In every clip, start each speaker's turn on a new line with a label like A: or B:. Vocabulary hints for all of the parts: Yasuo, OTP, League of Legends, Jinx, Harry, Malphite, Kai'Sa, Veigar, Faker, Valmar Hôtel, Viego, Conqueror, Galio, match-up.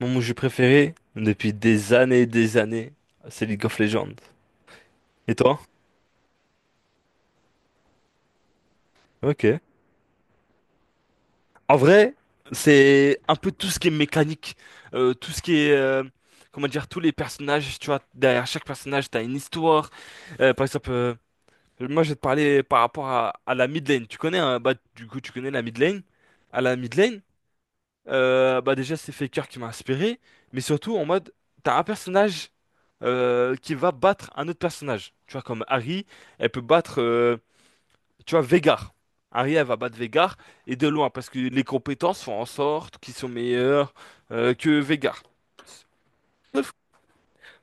A: Mon jeu préféré, depuis des années et des années, c'est League of Legends. Et toi? Ok. En vrai, c'est un peu tout ce qui est mécanique, tout ce qui est, comment dire, tous les personnages, tu vois, derrière chaque personnage, t'as une histoire. Par exemple, moi, je vais te parler par rapport à la mid lane. Tu connais, hein, bah, du coup, tu connais la mid lane? À la mid lane, bah déjà c'est Faker qui m'a inspiré, mais surtout en mode t'as un personnage qui va battre un autre personnage. Tu vois comme Harry, elle peut battre, tu vois Veigar. Harry elle va battre Veigar et de loin parce que les compétences font en sorte qu'ils sont meilleurs que Veigar. Sauf,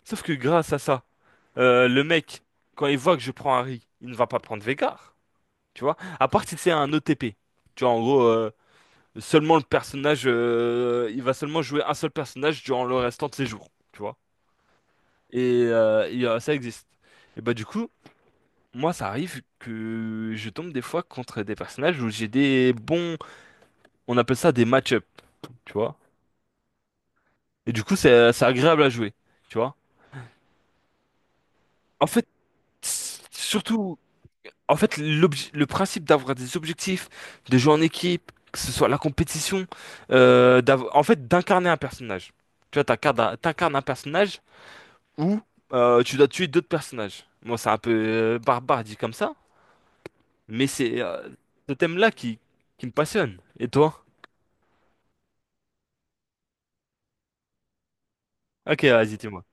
A: sauf que grâce à ça, le mec quand il voit que je prends Harry, il ne va pas prendre Veigar. Tu vois, à part si c'est un OTP. Tu vois en gros. Seulement le personnage, il va seulement jouer un seul personnage durant le restant de ses jours, tu vois. Ça existe. Et bah du coup, moi ça arrive que je tombe des fois contre des personnages où j'ai des bons, on appelle ça des match-up, tu vois. Et du coup, c'est agréable à jouer, tu vois. En fait, surtout, en fait, le principe d'avoir des objectifs, de jouer en équipe, que ce soit la compétition, en fait, d'incarner un personnage. Tu vois, t'incarnes un personnage ou tu dois tuer d'autres personnages. Moi, c'est un peu barbare dit comme ça, mais c'est ce thème-là qui me passionne. Et toi? Ok, vas-y, dis-moi.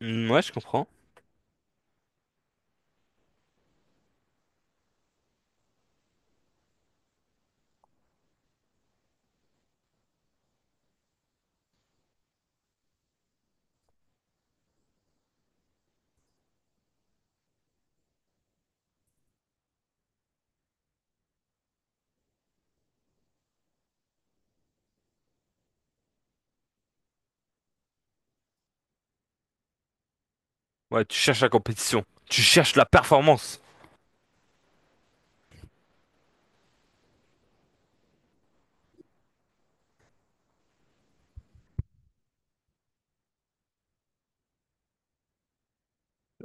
A: Hmm, ouais, je comprends. Ouais, tu cherches la compétition. Tu cherches la performance.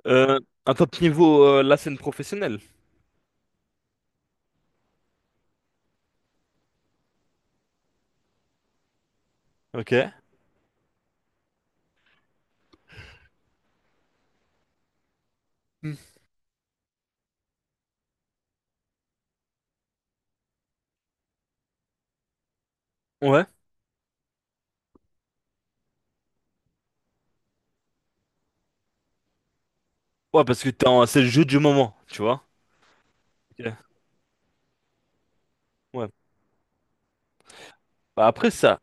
A: Euh, un top niveau, la scène professionnelle. Ok. Hmm. Ouais. Ouais, parce que c'est le jeu du moment, tu vois. Ok. Ouais. Bah, après,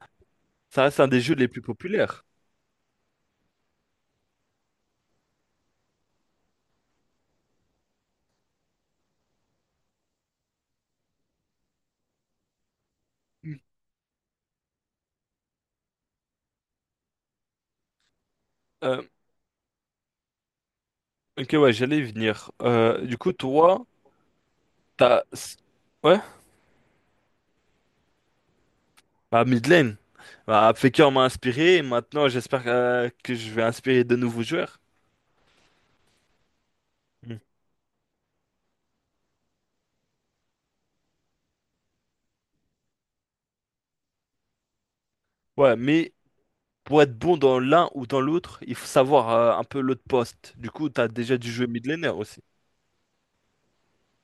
A: ça reste un des jeux les plus populaires. Hmm. Euh, ok, ouais, j'allais y venir. Du coup, toi, t'as... Ouais? Bah, mid lane. Bah, Faker m'a inspiré. Et maintenant, j'espère que je vais inspirer de nouveaux joueurs. Mm. Ouais, mais pour être bon dans l'un ou dans l'autre, il faut savoir un peu l'autre poste. Du coup, t'as déjà dû jouer mid laner aussi.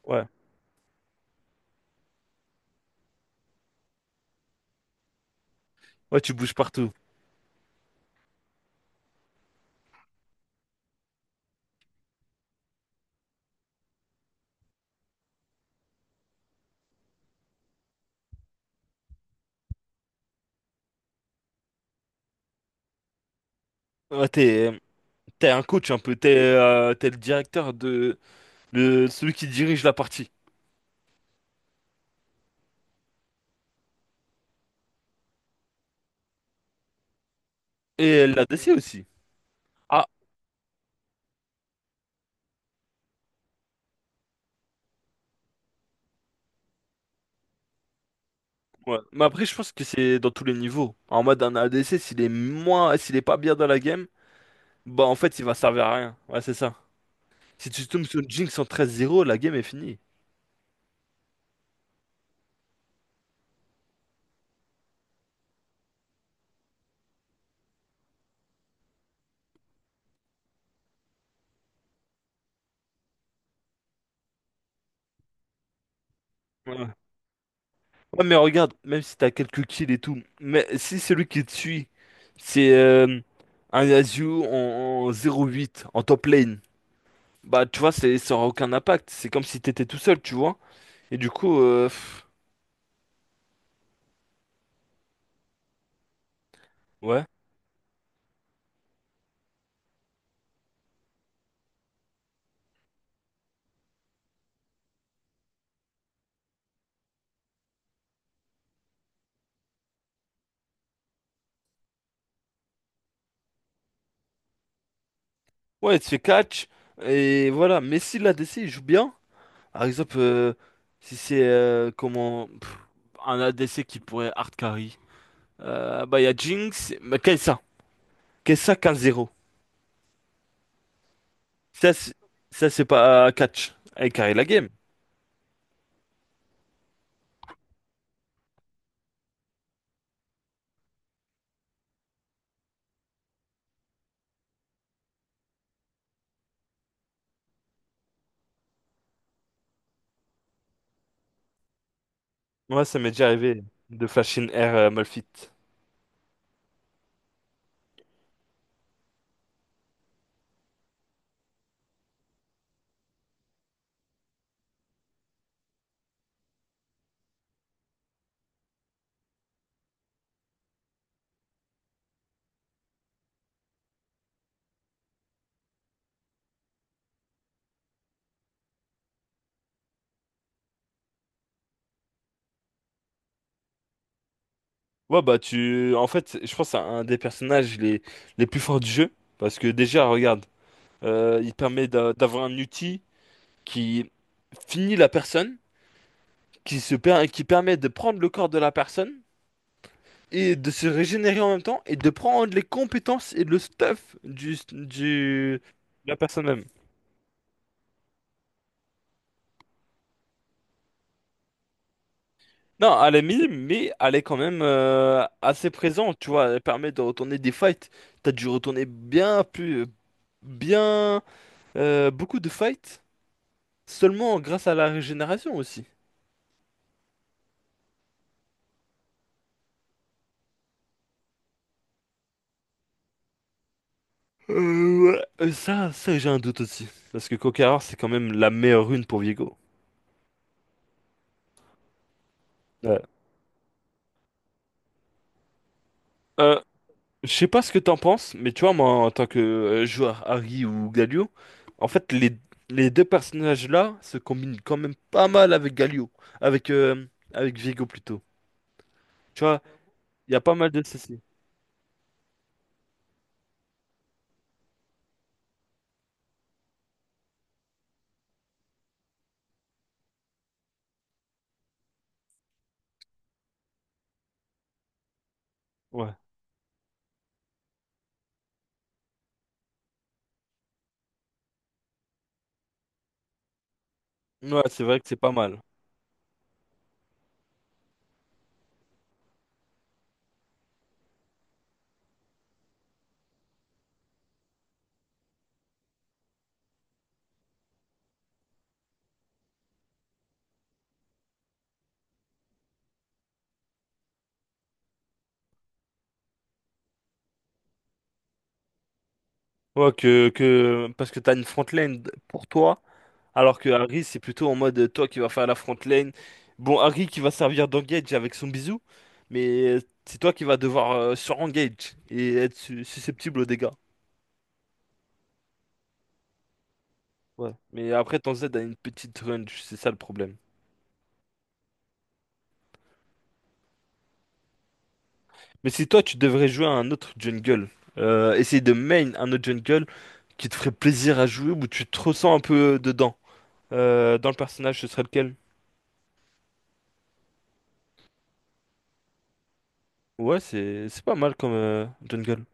A: Ouais. Ouais, tu bouges partout. Ouais, t'es un coach un peu. T'es t'es le directeur de le, celui qui dirige la partie. Et l'ADC aussi. Ah, ouais. Mais après, je pense que c'est dans tous les niveaux. En mode, un ADC, s'il est pas bien dans la game, bah en fait, il va servir à rien. Ouais, c'est ça. Si tu tombes sur une Jinx en 13-0, la game est finie. Ouais. Ouais, mais regarde, même si t'as quelques kills et tout, mais si celui qui te suit, c'est un Yasuo en 0-8, en top lane, bah tu vois, ça aura aucun impact. C'est comme si t'étais tout seul, tu vois. Et du coup, ouais. Ouais, tu fais catch, et voilà. Mais si l'ADC il joue bien, par exemple, si c'est un ADC qui pourrait hard carry, bah il y a Jinx, mais Kai'Sa. Kai'Sa 15-0. Ça, c'est- Ça c'est pas catch. Avec carré la game. Moi, ça m'est déjà arrivé de flash in air Malphite. Ouais, bah, tu. En fait, je pense que c'est un des personnages les plus forts du jeu. Parce que déjà, regarde, d'avoir un outil qui finit la personne, qui permet de prendre le corps de la personne et de se régénérer en même temps et de prendre les compétences et le stuff du... de la personne même. Non, elle est minime, mais elle est quand même assez présente, tu vois. Elle permet de retourner des fights. T'as dû retourner bien, beaucoup de fights seulement grâce à la régénération aussi. Ouais. Euh, ça j'ai un doute aussi. Parce que Conqueror, c'est quand même la meilleure rune pour Viego. Ouais. Euh, je sais pas ce que t'en penses, mais tu vois, moi, en tant que joueur Harry ou Galio, en fait, les deux personnages-là se combinent quand même pas mal avec Galio. Avec, euh, avec Viego plutôt. Tu vois, il y a pas mal de ceci. Ouais. Ouais, c'est vrai que c'est pas mal. Ouais, parce que t'as une front lane pour toi, alors que Harry, c'est plutôt en mode toi qui vas faire la front lane. Bon, Harry qui va servir d'engage avec son bisou, mais c'est toi qui vas devoir sur-engage et être susceptible aux dégâts. Ouais. Mais après, ton Z a une petite range, c'est ça le problème. Mais si toi, tu devrais jouer à un autre jungle, essayer de main un autre jungle qui te ferait plaisir à jouer où tu te ressens un peu dedans. Dans le personnage, ce serait lequel? Ouais, c'est pas mal comme jungle.